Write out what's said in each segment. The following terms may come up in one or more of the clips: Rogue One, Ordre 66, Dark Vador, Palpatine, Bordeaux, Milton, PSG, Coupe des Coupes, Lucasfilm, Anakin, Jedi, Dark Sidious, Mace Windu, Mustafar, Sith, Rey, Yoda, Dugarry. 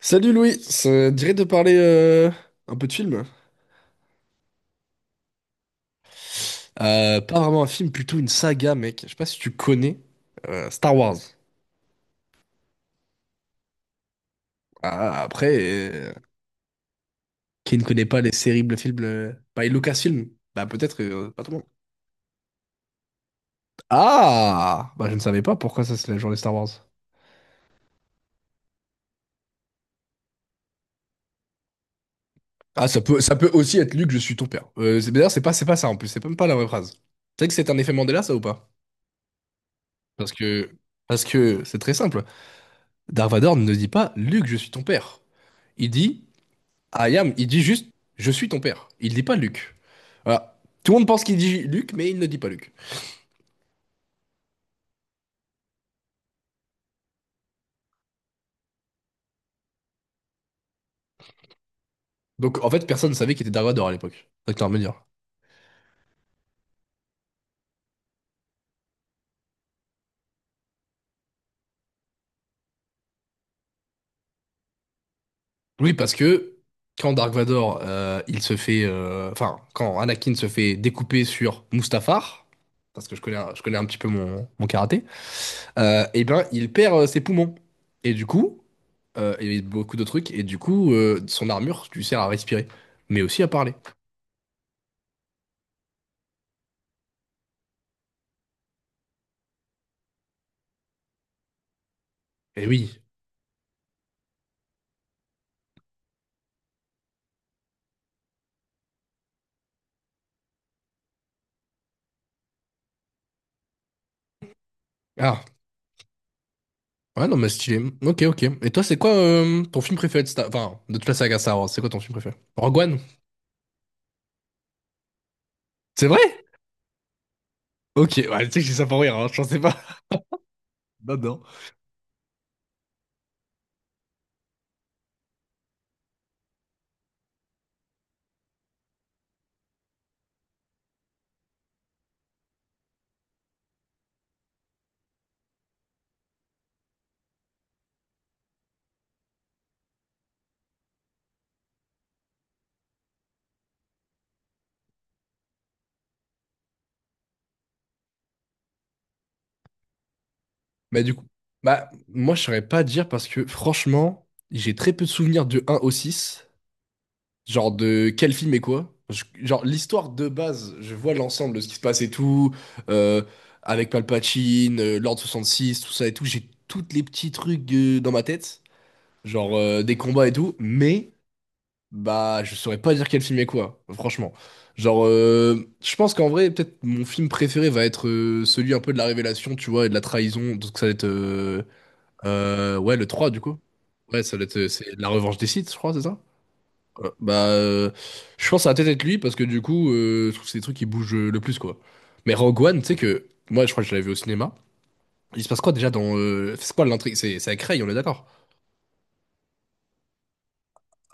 Salut Louis, ça te dirait de parler un peu de film? Pas vraiment un film, plutôt une saga, mec. Je sais pas si tu connais Star Wars. Ah, après, qui ne connaît pas les terribles films by Lucasfilm? Bah peut-être pas tout le monde. Ah! Bah je ne savais pas pourquoi ça c'est la journée Star Wars. Ah, ça peut aussi être Luke, je suis ton père. D'ailleurs, c'est pas ça en plus, c'est même pas la vraie phrase. Tu sais que c'est un effet Mandela ça ou pas? Parce que parce que c'est très simple. Dark Vador ne dit pas Luke, je suis ton père. Il dit il dit juste, je suis ton père. Il dit pas Luc. Voilà. Tout le monde pense qu'il dit Luc, mais il ne dit pas Luc. Donc en fait, personne ne savait qu'il était Dark Vador à l'époque. Ça que t'as à me dire. Oui, parce que quand Dark Vador, il se fait, enfin, quand Anakin se fait découper sur Mustafar, parce que je connais, je connais un petit peu mon karaté, eh ben, il perd ses poumons. Et du coup, et beaucoup de trucs. Et du coup, son armure, tu sert à respirer, mais aussi à parler. Et oui. Ah. Ouais, non, mais stylé. Ok, ok. Et toi, c'est quoi ton film préféré de Enfin, de toute la saga Star Wars, c'est quoi ton film préféré? Rogue One? C'est vrai? Ok, ouais, tu sais que j'ai ça pour rire, hein, je pensais pas. Non, non. Bah du coup, bah moi je saurais pas dire parce que franchement, j'ai très peu de souvenirs de un au 6. Genre de quel film et quoi. Genre l'histoire de base, je vois l'ensemble de ce qui se passe et tout, euh, avec Palpatine, l'Ordre 66, tout ça et tout, j'ai toutes les petits trucs dans ma tête, genre des combats et tout, mais bah, je saurais pas dire quel film est quoi, franchement. Genre, je pense qu'en vrai, peut-être mon film préféré va être celui un peu de la révélation, tu vois, et de la trahison. Donc ça va être... ouais, le 3 du coup. Ouais, ça va être... c'est la revanche des Sith, je crois, c'est ça? Ouais. Bah, je pense que ça va peut-être être lui, parce que du coup, je trouve que c'est les trucs qui bougent le plus, quoi. Mais Rogue One, tu sais que... Moi, je crois que je l'avais vu au cinéma. Il se passe quoi déjà dans... c'est quoi l'intrigue? C'est avec Rey, on est d'accord?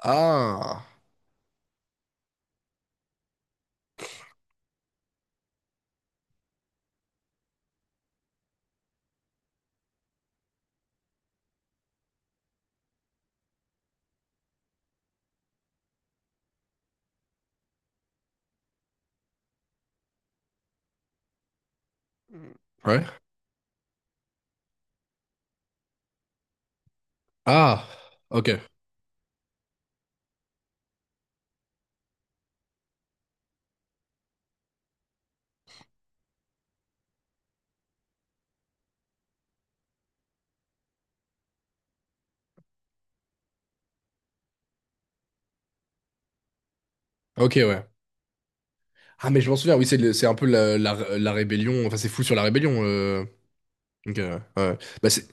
Ah... Ouais. Ah... Ok. Ok, ouais. Ah, mais je m'en souviens, oui, c'est un peu la rébellion. Enfin, c'est fou sur la rébellion. Euh. Donc, ouais. Bah, c'est.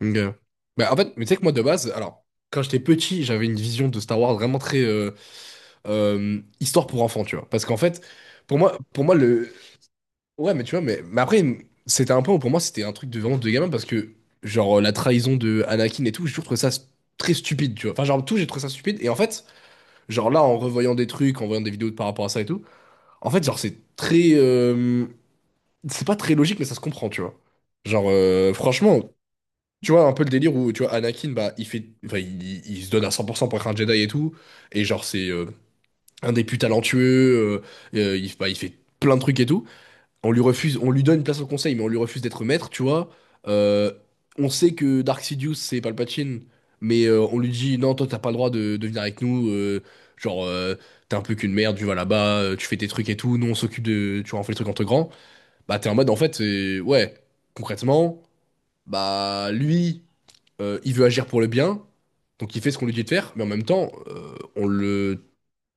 Donc, bah, en fait, mais tu sais que moi, de base, alors, quand j'étais petit, j'avais une vision de Star Wars vraiment très histoire pour enfants, tu vois. Parce qu'en fait, pour moi, le. Ouais, mais tu vois, mais après, c'était un peu. Pour moi, c'était un truc de vraiment de gamin parce que, genre, la trahison de Anakin et tout, j'ai toujours trouvé ça très stupide, tu vois. Enfin, genre, tout, j'ai trouvé ça stupide. Et en fait, genre, là, en revoyant des trucs, en voyant des vidéos par rapport à ça et tout, en fait, genre, c'est très. C'est pas très logique, mais ça se comprend, tu vois. Genre, franchement, tu vois, un peu le délire où, tu vois, Anakin, bah, il fait, enfin, il se donne à cent pour être un Jedi et tout, et genre, c'est un des plus talentueux, il, bah, il fait plein de trucs et tout. On lui refuse, on lui donne une place au conseil, mais on lui refuse d'être maître, tu vois. Euh, on sait que Dark Sidious, c'est Palpatine, mais on lui dit, non, toi, t'as pas le droit de venir avec nous, genre, t'es un peu qu'une merde, tu vas là-bas, tu fais tes trucs et tout, nous, on s'occupe de, tu vois, on fait les trucs entre grands. Bah, t'es en mode, en fait, c'est... ouais, concrètement, bah, lui, il veut agir pour le bien, donc il fait ce qu'on lui dit de faire, mais en même temps, on le,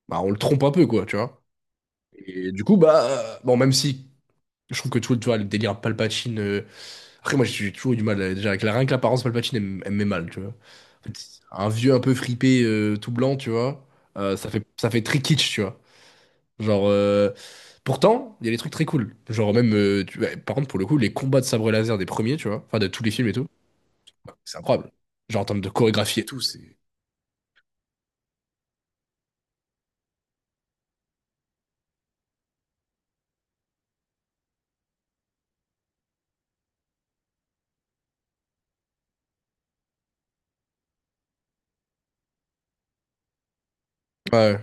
bah, on le trompe un peu, quoi, tu vois. Et du coup, bah, bon, même si je trouve que tu vois, le délire Palpatine. Après, moi, j'ai toujours eu du mal, déjà, avec la... rien que l'apparence Palpatine, elle, elle me met mal, tu vois. En fait, un vieux un peu fripé, tout blanc, tu vois, ça fait très kitsch, tu vois. Genre. Pourtant, il y a des trucs très cool. Genre même, ouais, par contre, pour le coup, les combats de sabre laser des premiers, tu vois, enfin de tous les films et tout, c'est incroyable. Genre en termes de chorégraphie et tout, c'est... Ouais,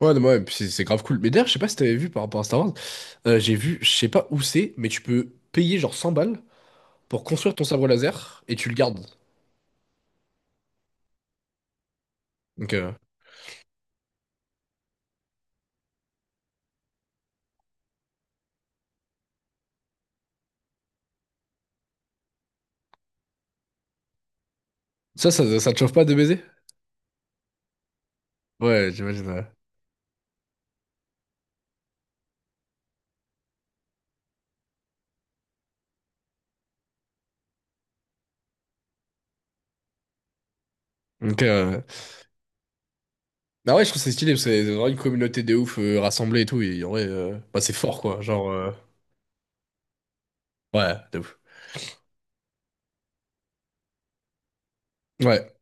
ouais, non, ouais, puis c'est grave cool. Mais d'ailleurs, je sais pas si t'avais vu par rapport à Star Wars, j'ai vu, je sais pas où c'est, mais tu peux payer genre 100 balles pour construire ton sabre laser et tu le gardes. Donc ça, ça te chauffe pas de baiser? Ouais, j'imagine. Ouais. Donc, bah ouais, je trouve que c'est stylé parce que c'est vraiment une communauté de ouf rassemblée et tout. Et en vrai, bah, c'est fort quoi. Genre, ouais, de ouf. Ouais.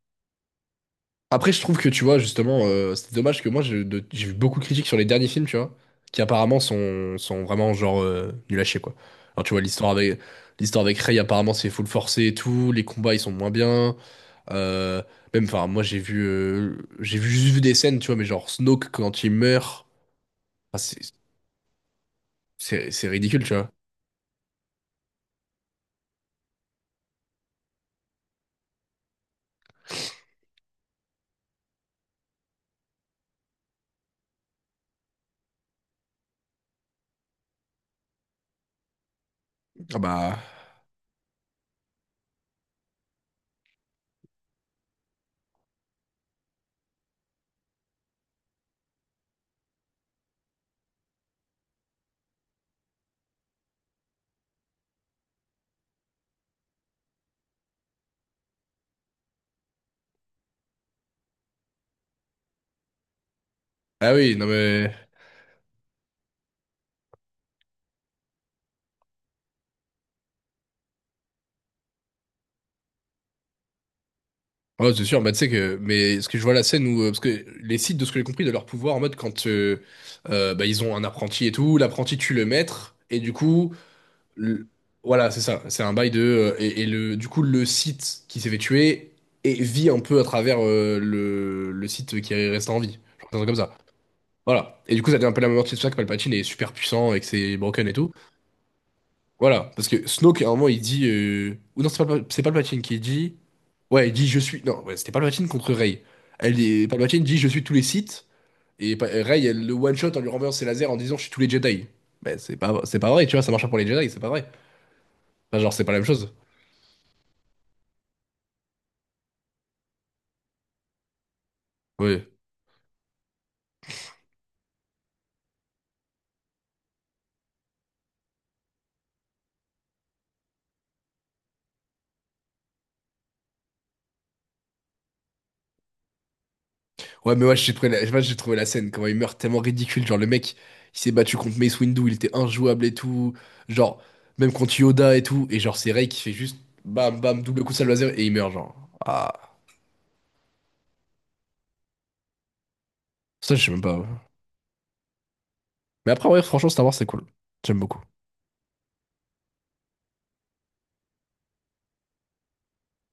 Après, je trouve que tu vois, justement, c'est dommage que moi, j'ai vu beaucoup de critiques sur les derniers films, tu vois, qui apparemment sont vraiment genre nuls à chier, quoi. Alors, tu vois, l'histoire avec Rey, apparemment, c'est full forcé et tout, les combats, ils sont moins bien. Euh, même, enfin, moi, j'ai vu, juste vu des scènes, tu vois, mais genre Snoke, quand il meurt, enfin, c'est c'est ridicule, tu vois. Ah bah. Ah oui, non mais. Ouais, c'est sûr, bah, tu sais que, mais ce que je vois la scène où, parce que les Sith, de ce que j'ai compris, de leur pouvoir, en mode quand bah, ils ont un apprenti et tout, l'apprenti tue le maître, et du coup, le- voilà, c'est ça, c'est un bail de, et le, du coup, le Sith qui s'est fait tuer et vit un peu à travers le Sith qui reste en vie, genre, un truc comme ça. Voilà. Et du coup, ça devient un peu la même moitié de ça que Palpatine est super puissant et que c'est broken et tout. Voilà. Parce que Snoke, à un moment, il dit, ou non, c'est pas, c'est Palpatine qui dit. Ouais, il dit je suis. Non, ouais, c'était Palpatine contre Rey. Elle est... Palpatine dit je suis tous les Sith. Et Rey, elle le one-shot en lui renversant ses lasers en disant je suis tous les Jedi. Mais c'est pas vrai, tu vois, ça marche pas pour les Jedi, c'est pas vrai. Enfin, genre, c'est pas la même chose. Ouais. Ouais, mais ouais, j'ai trouvé la... je pas, j'ai trouvé la scène, comment il meurt tellement ridicule. Genre, le mec, il s'est battu contre Mace Windu, il était injouable et tout. Genre, même contre Yoda et tout. Et genre, c'est Rey qui fait juste bam, bam, double coup de sabre laser et il meurt, genre. Ah, ça, je sais même pas. Mais après, ouais, franchement, Star Wars, c'est cool. J'aime beaucoup.